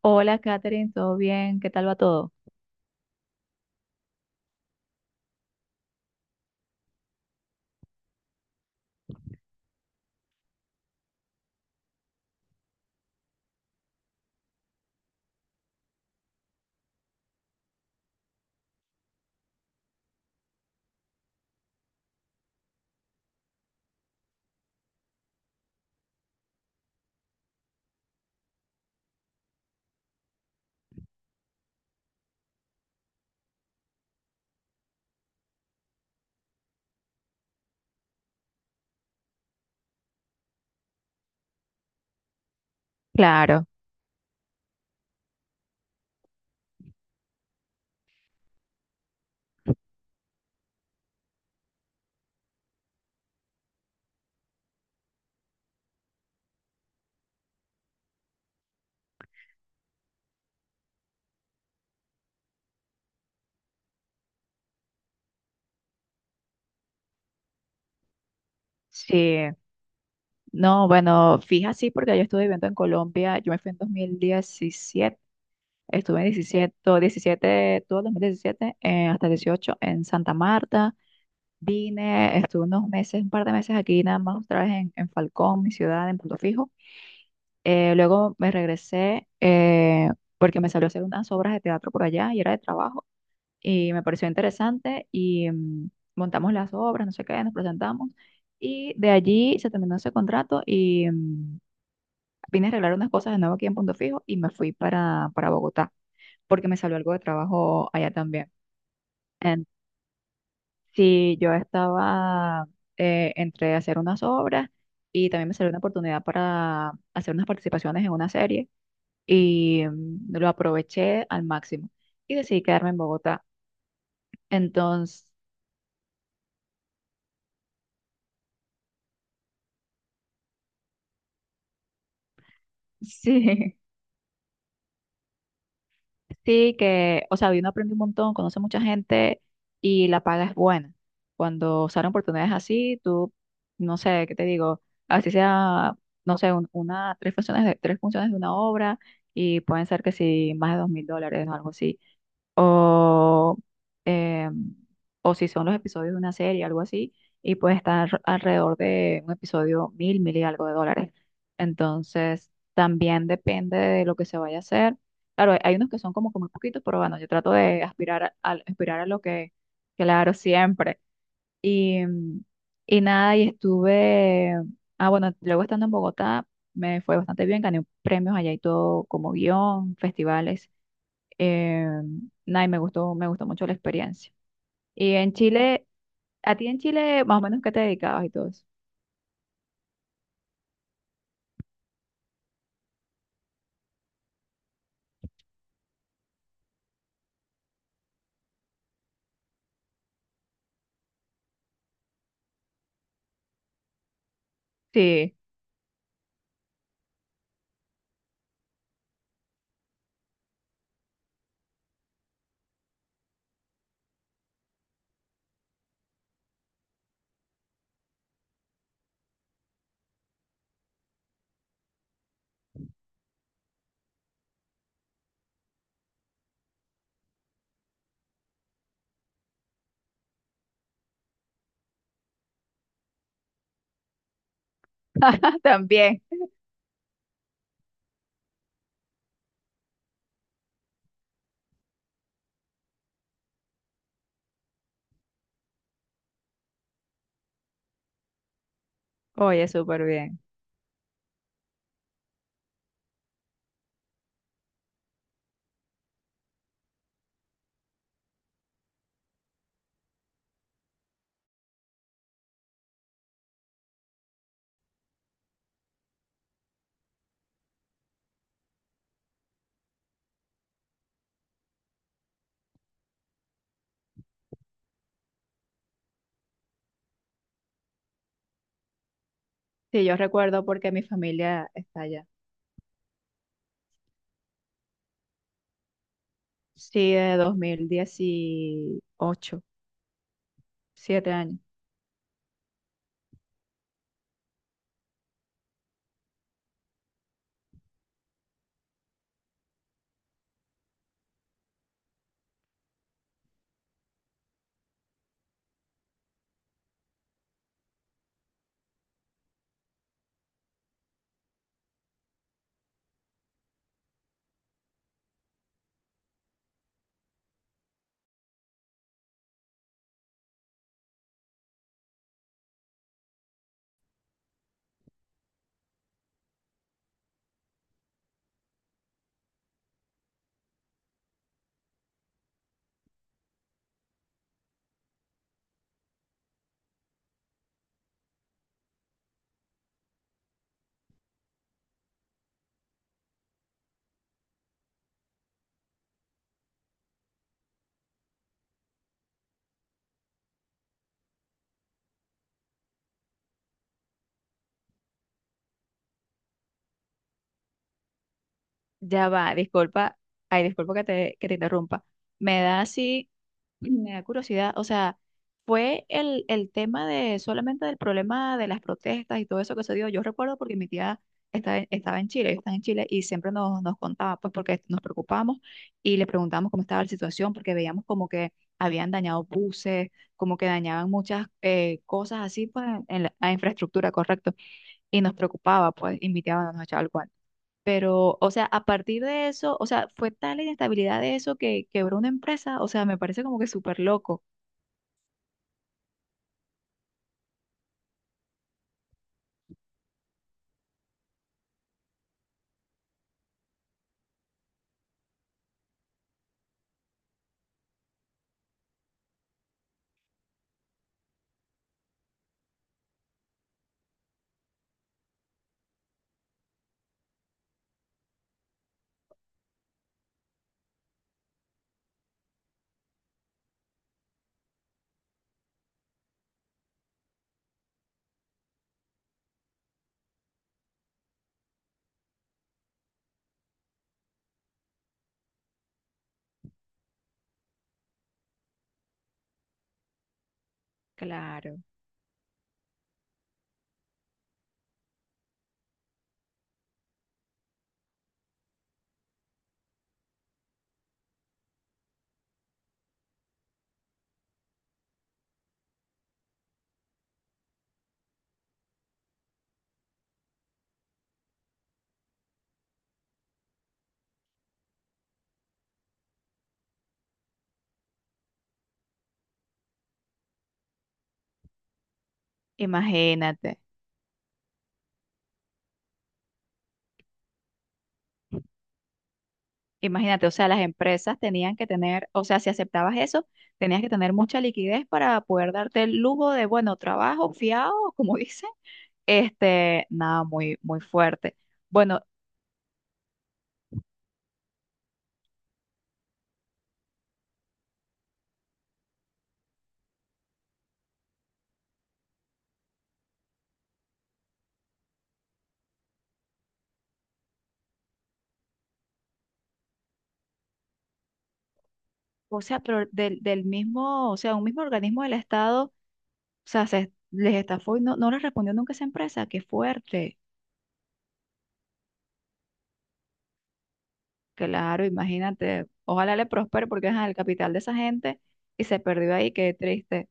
Hola, Katherine, ¿todo bien? ¿Qué tal va todo? Claro. Sí, no, bueno, fija sí, porque yo estuve viviendo en Colombia, yo me fui en 2017. Estuve en 17, todo 17, todo el 2017, hasta 18 en Santa Marta. Vine, estuve unos meses, un par de meses aquí, nada más otra vez en Falcón, mi ciudad, en Punto Fijo. Luego me regresé porque me salió a hacer unas obras de teatro por allá y era de trabajo y me pareció interesante y montamos las obras, no sé qué, nos presentamos y de allí se terminó ese contrato y vine a arreglar unas cosas de nuevo aquí en Punto Fijo y me fui para Bogotá porque me salió algo de trabajo allá también. En- sí, yo estaba entre hacer unas obras y también me salió una oportunidad para hacer unas participaciones en una serie y lo aproveché al máximo y decidí quedarme en Bogotá. Entonces, sí. Sí, que, o sea, uno aprende un montón, conoce mucha gente y la paga es buena. Cuando salen oportunidades así, tú, no sé, ¿qué te digo? Así sea, no sé, una, tres funciones de una obra y pueden ser que sí, más de $2000 o algo así o, eh, o si son los episodios de una serie, algo así, y puede estar alrededor de un episodio mil, mil y algo de dólares. Entonces, también depende de lo que se vaya a hacer. Claro, hay unos que son como, como muy poquitos, pero bueno, yo trato de aspirar a, aspirar a lo que hago siempre. Y, y nada, y estuve, ah, bueno, luego estando en Bogotá, me fue bastante bien, gané premios allá y todo como guión, festivales. Eh, Nada, y me gustó mucho la experiencia. Y en Chile, ¿a ti en Chile más o menos qué te dedicabas y todo eso? Sí, también. Oye, súper bien. Sí, yo recuerdo porque mi familia está allá. Sí, de 2018, siete años. Ya va, disculpa, ay, disculpa que te interrumpa. Me da así. Me da curiosidad, o sea, fue el tema de solamente del problema de las protestas y todo eso que se dio. Yo recuerdo porque mi tía estaba, estaba en Chile, ellos están en Chile y siempre nos, nos contaba, pues porque nos preocupamos y le preguntábamos cómo estaba la situación, porque veíamos como que habían dañado buses, como que dañaban muchas cosas así, pues en la, la infraestructura, correcto. Y nos preocupaba, pues, y mi tía bueno, nos echaba el cuento. Pero, o sea, a partir de eso, o sea, fue tal la inestabilidad de eso que quebró una empresa. O sea, me parece como que súper loco. Claro. Imagínate, imagínate, o sea, las empresas tenían que tener, o sea, si aceptabas eso, tenías que tener mucha liquidez para poder darte el lujo de, bueno, trabajo fiado, como dicen. Este, nada, muy, muy fuerte. Bueno, o sea, pero del, del mismo, o sea, un mismo organismo del Estado, o sea, se les estafó y no, no les respondió nunca esa empresa. Qué fuerte. Claro, imagínate. Ojalá le prospere porque es el capital de esa gente y se perdió ahí, qué triste.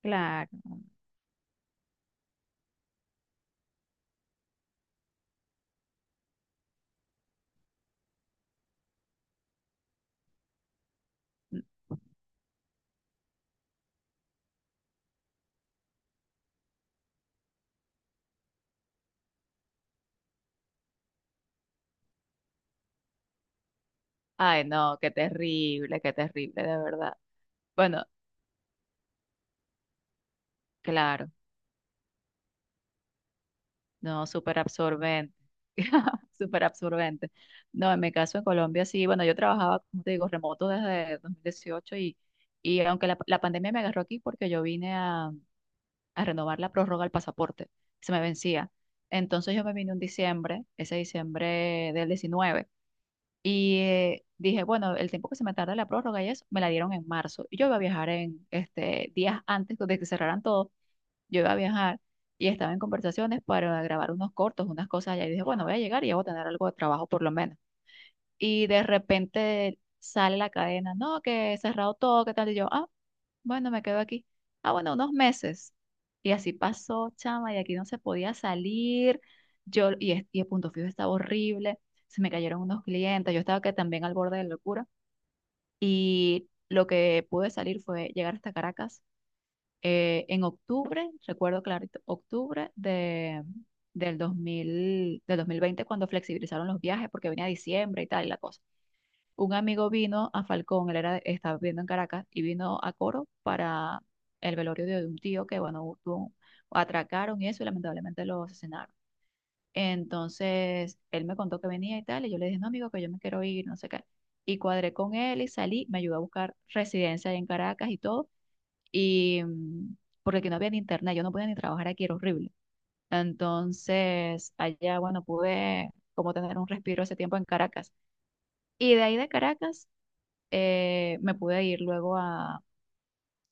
Claro. Ay, no, qué terrible, de verdad. Bueno, claro, no, súper absorbente, súper absorbente. No, en mi caso en Colombia sí, bueno, yo trabajaba, como te digo, remoto desde 2018 y aunque la pandemia me agarró aquí porque yo vine a renovar la prórroga del pasaporte, se me vencía. Entonces yo me vine un diciembre, ese diciembre del 19. Y dije, bueno, el tiempo que se me tarda la prórroga y eso, me la dieron en marzo. Y yo iba a viajar en este, días antes de que cerraran todo, yo iba a viajar y estaba en conversaciones para grabar unos cortos, unas cosas allá. Y dije, bueno, voy a llegar y ya voy a tener algo de trabajo por lo menos. Y de repente sale la cadena, no, que he cerrado todo, ¿qué tal? Y yo, ah, bueno, me quedo aquí. Ah, bueno, unos meses. Y así pasó, chama, y aquí no se podía salir. Yo, y, y el punto fijo estaba horrible. Se me cayeron unos clientes. Yo estaba que también al borde de la locura. Y lo que pude salir fue llegar hasta Caracas en octubre, recuerdo clarito, octubre de, del 2000, del 2020 cuando flexibilizaron los viajes, porque venía diciembre y tal, y la cosa. Un amigo vino a Falcón, él era, estaba viviendo en Caracas, y vino a Coro para el velorio de un tío que, bueno, atracaron y eso, y lamentablemente lo asesinaron. Entonces, él me contó que venía y tal, y yo le dije, no, amigo, que yo me quiero ir, no sé qué. Y cuadré con él y salí, me ayudó a buscar residencia ahí en Caracas y todo, y porque aquí no había ni internet, yo no podía ni trabajar aquí, era horrible. Entonces, allá, bueno, pude como tener un respiro ese tiempo en Caracas. Y de ahí de Caracas me pude ir luego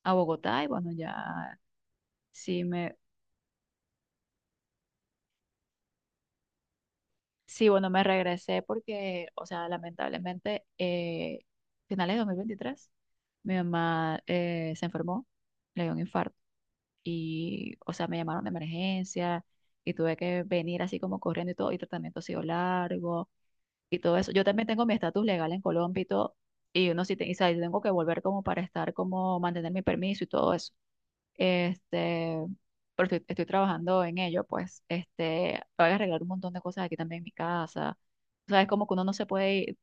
a Bogotá y bueno, ya sí me, sí, bueno, me regresé porque, o sea, lamentablemente, finales de 2023, mi mamá se enfermó, le dio un infarto y, o sea, me llamaron de emergencia y tuve que venir así como corriendo y todo, y tratamiento ha sido largo y todo eso. Yo también tengo mi estatus legal en Colombia y todo. Y uno sí, y, o sea, yo tengo que volver como para estar, como mantener mi permiso y todo eso. Este, pero estoy, estoy trabajando en ello, pues, este, voy a arreglar un montón de cosas aquí también en mi casa. O sea, es como que uno no se puede ir.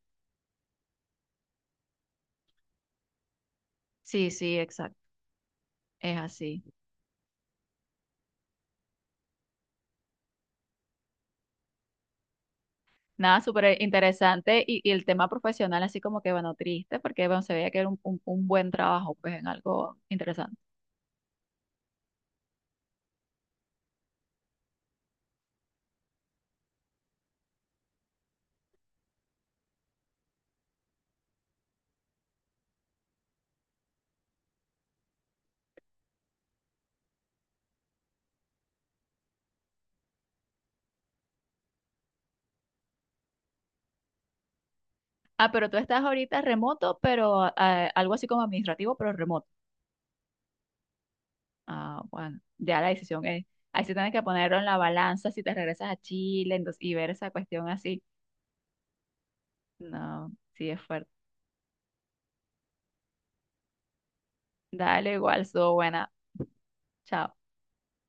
Sí, sí, exacto. Es así. Nada, súper interesante. Y el tema profesional, así como que, bueno, triste, porque bueno, se veía que era un, un buen trabajo, pues, en algo interesante. Ah, pero tú estás ahorita remoto, pero algo así como administrativo, pero remoto. Ah, bueno, ya la decisión es. Ahí sí tienes que ponerlo en la balanza si te regresas a Chile entonces, y ver esa cuestión así. No, sí es fuerte. Dale, igual, estuvo buena. Chao.